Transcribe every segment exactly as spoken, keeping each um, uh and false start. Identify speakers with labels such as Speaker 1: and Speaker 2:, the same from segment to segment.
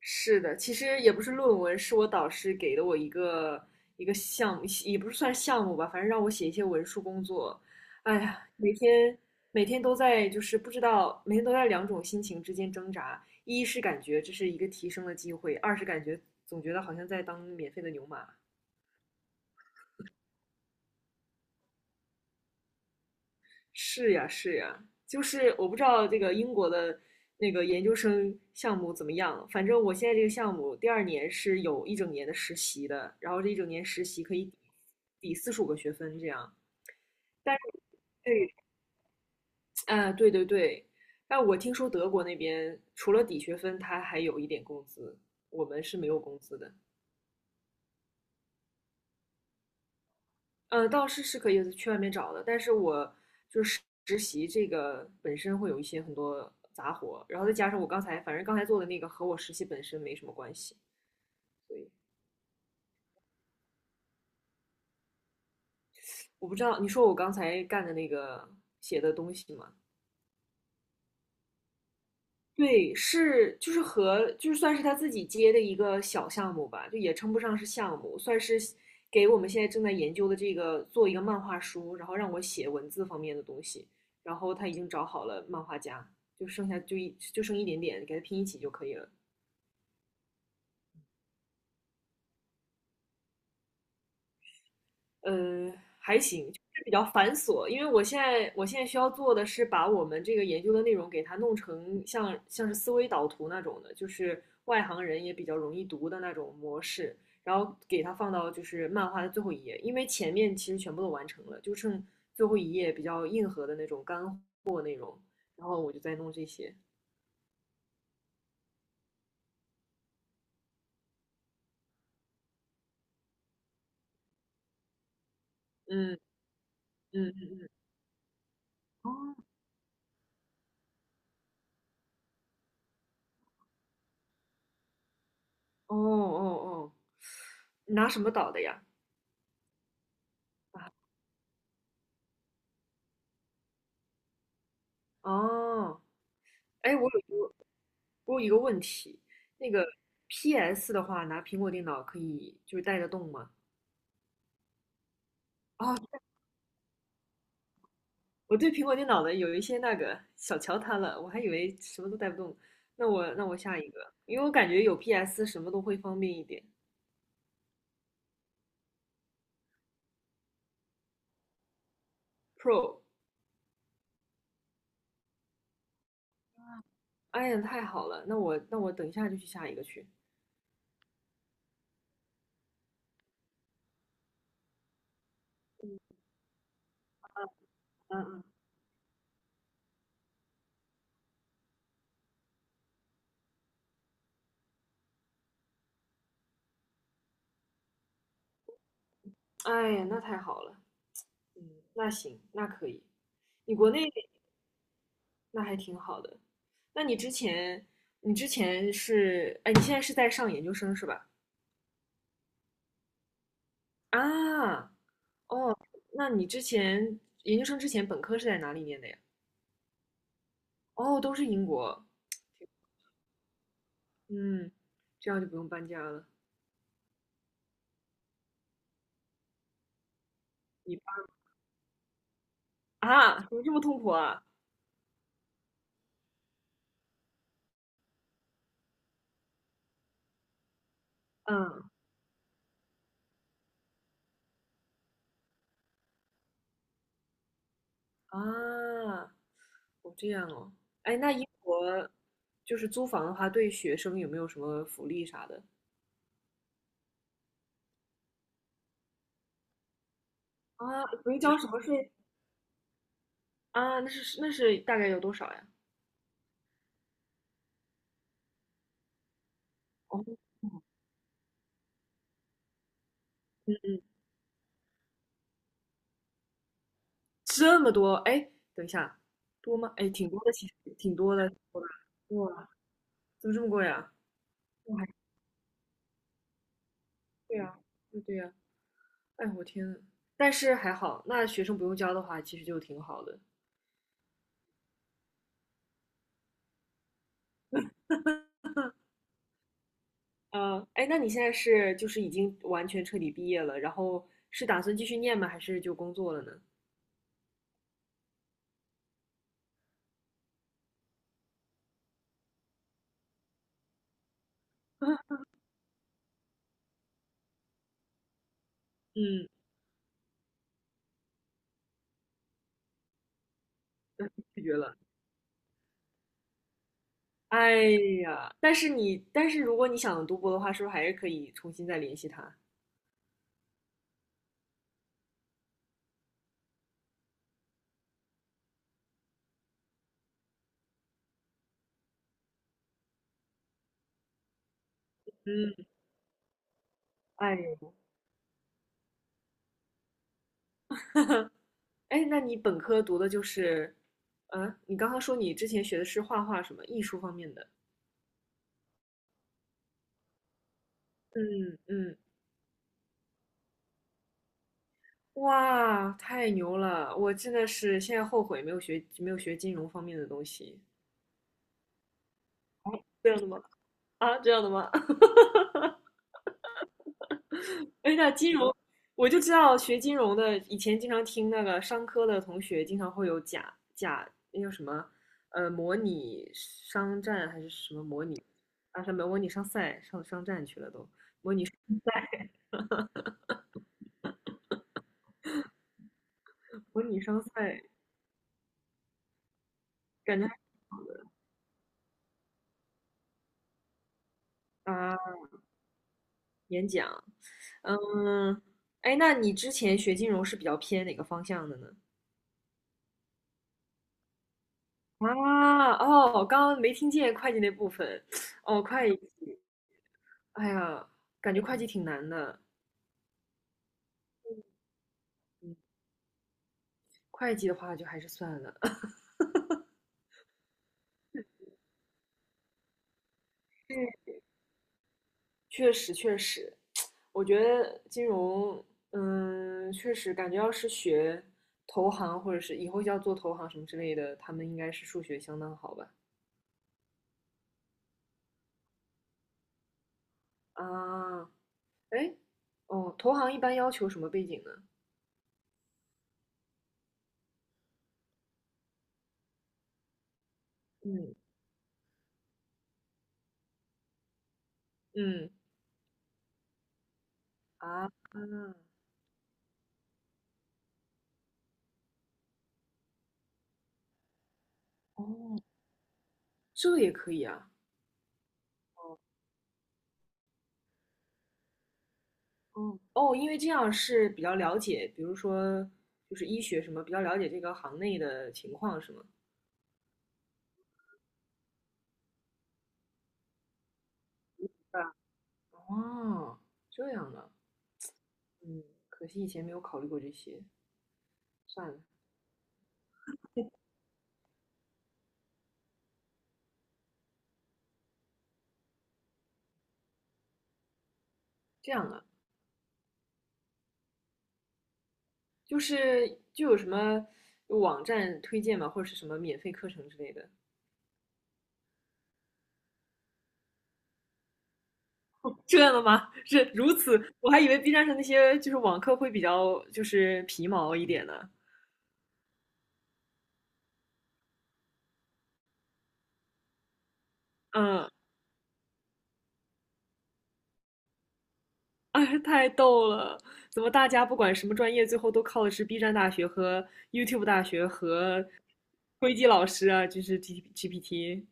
Speaker 1: 是的，其实也不是论文，是我导师给的我一个一个项目，也不是算项目吧，反正让我写一些文书工作。哎呀，每天每天都在就是不知道，每天都在两种心情之间挣扎。一是感觉这是一个提升的机会，二是感觉总觉得好像在当免费的牛马。是呀，是呀，就是我不知道这个英国的那个研究生项目怎么样，反正我现在这个项目第二年是有一整年的实习的，然后这一整年实习可以抵四十五个学分这样。但是对，啊，对对对，但我听说德国那边除了抵学分，他还有一点工资，我们是没有工资的。呃，倒是是可以去外面找的，但是我就是实习这个本身会有一些很多杂活，然后再加上我刚才反正刚才做的那个和我实习本身没什么关系，所以我不知道你说我刚才干的那个写的东西吗？对，是就是和就是算是他自己接的一个小项目吧，就也称不上是项目，算是给我们现在正在研究的这个做一个漫画书，然后让我写文字方面的东西，然后他已经找好了漫画家，就剩下就一就剩一点点，给他拼一起就可以了。呃，还行，就是比较繁琐。因为我现在我现在需要做的是把我们这个研究的内容给它弄成像像是思维导图那种的，就是外行人也比较容易读的那种模式，然后给它放到就是漫画的最后一页，因为前面其实全部都完成了，就剩最后一页比较硬核的那种干货，然后我就在弄这些。嗯嗯，嗯哦哦哦哦，你拿什么导的呀？啊哦，哎，我有问一个问题，那个 P S 的话，拿苹果电脑可以就是带得动吗？啊、我对苹果电脑的有一些那个小瞧它了，我还以为什么都带不动。那我那我下一个，因为我感觉有 P S 什么都会方便一点。Pro，哎呀，太好了，那我那我等一下就去下一个去。嗯嗯，哎呀，那太好了，嗯，那行，那可以。你国内那还挺好的。那你之前，你之前是，哎，你现在是在上研究生是吧？啊，哦，那你之前研究生之前本科是在哪里念的呀？哦，都是英国。嗯，这样就不用搬家了。你搬。啊，怎么这么痛苦啊？嗯啊，哦这样哦。哎，那英国就是租房的话，对学生有没有什么福利啥的？啊，不用交什么税啊？那是那是大概有多少呀？哦，这么多？哎，等一下，多吗？哎，挺多的，其实挺多的，挺多的。哇，怎么这么贵啊？对呀，对对呀，哎我天呐，但是还好，那学生不用交的话，其实就挺好的。呃，哎，那你现在是就是已经完全彻底毕业了，然后是打算继续念吗？还是就工作了呢？嗯，那拒绝了。哎呀，但是你，但是如果你想读博的话，是不是还是可以重新再联系他？哎呦，哎，那你本科读的就是，啊，你刚刚说你之前学的是画画什么艺术方面的？嗯嗯。哇，太牛了！我真的是现在后悔没有学没有学金融方面的东西。这样的吗？啊，这样的吗？哎，那金融，我就知道学金融的，以前经常听那个商科的同学经常会有假假那叫什么，呃，模拟商战还是什么模拟啊？什么模拟商赛上商战去了都，模拟商赛感觉还挺好的啊，演讲，嗯，哎，那你之前学金融是比较偏哪个方向的呢？啊，哦，刚刚没听见会计那部分，哦，会计，哎呀，感觉会计挺难的，嗯，会计的话就还是算了。嗯确实，确实，我觉得金融，嗯，确实感觉要是学投行或者是以后要做投行什么之类的，他们应该是数学相当好吧？啊，哎，哦，投行一般要求什么背景呢？嗯嗯啊，哦，这也可以啊。哦哦，因为这样是比较了解，比如说就是医学什么，比较了解这个行内的情况是吗？对啊，哦，这样啊，嗯，可惜以前没有考虑过这些，算了，这样啊，就是就有什么网站推荐吗，或者是什么免费课程之类的？这样的吗？是如此，我还以为 B 站上那些就是网课会比较就是皮毛一点呢。嗯 哎，太逗了！怎么大家不管什么专业，最后都靠的是 B 站大学和 YouTube 大学和灰机老师啊，就是 G GPT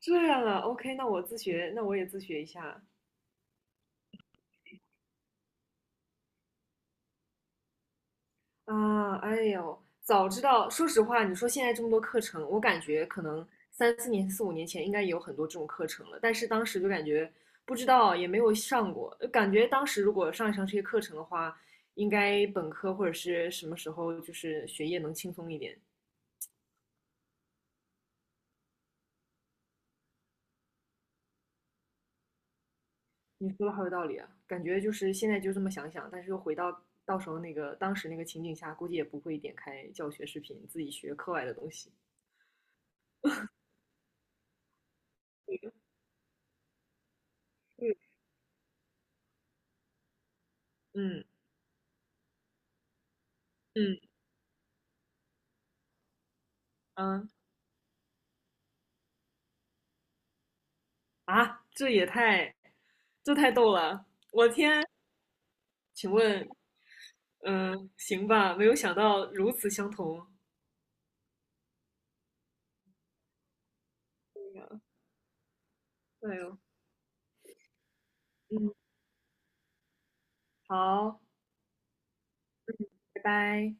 Speaker 1: 这样啊？OK，那我自学，那我也自学一下啊！哎呦，早知道，说实话，你说现在这么多课程，我感觉可能三四年、四五年前应该也有很多这种课程了，但是当时就感觉不知道，也没有上过，感觉当时如果上一上这些课程的话，应该本科或者是什么时候就是学业能轻松一点。你说的好有道理啊，感觉就是现在就这么想想，但是又回到到时候那个当时那个情景下，估计也不会点开教学视频自己学课外的东西。嗯嗯嗯啊，这也太这太逗了！我天，请问，嗯，行吧，没有想到如此相同。哎呦，嗯，好，拜拜。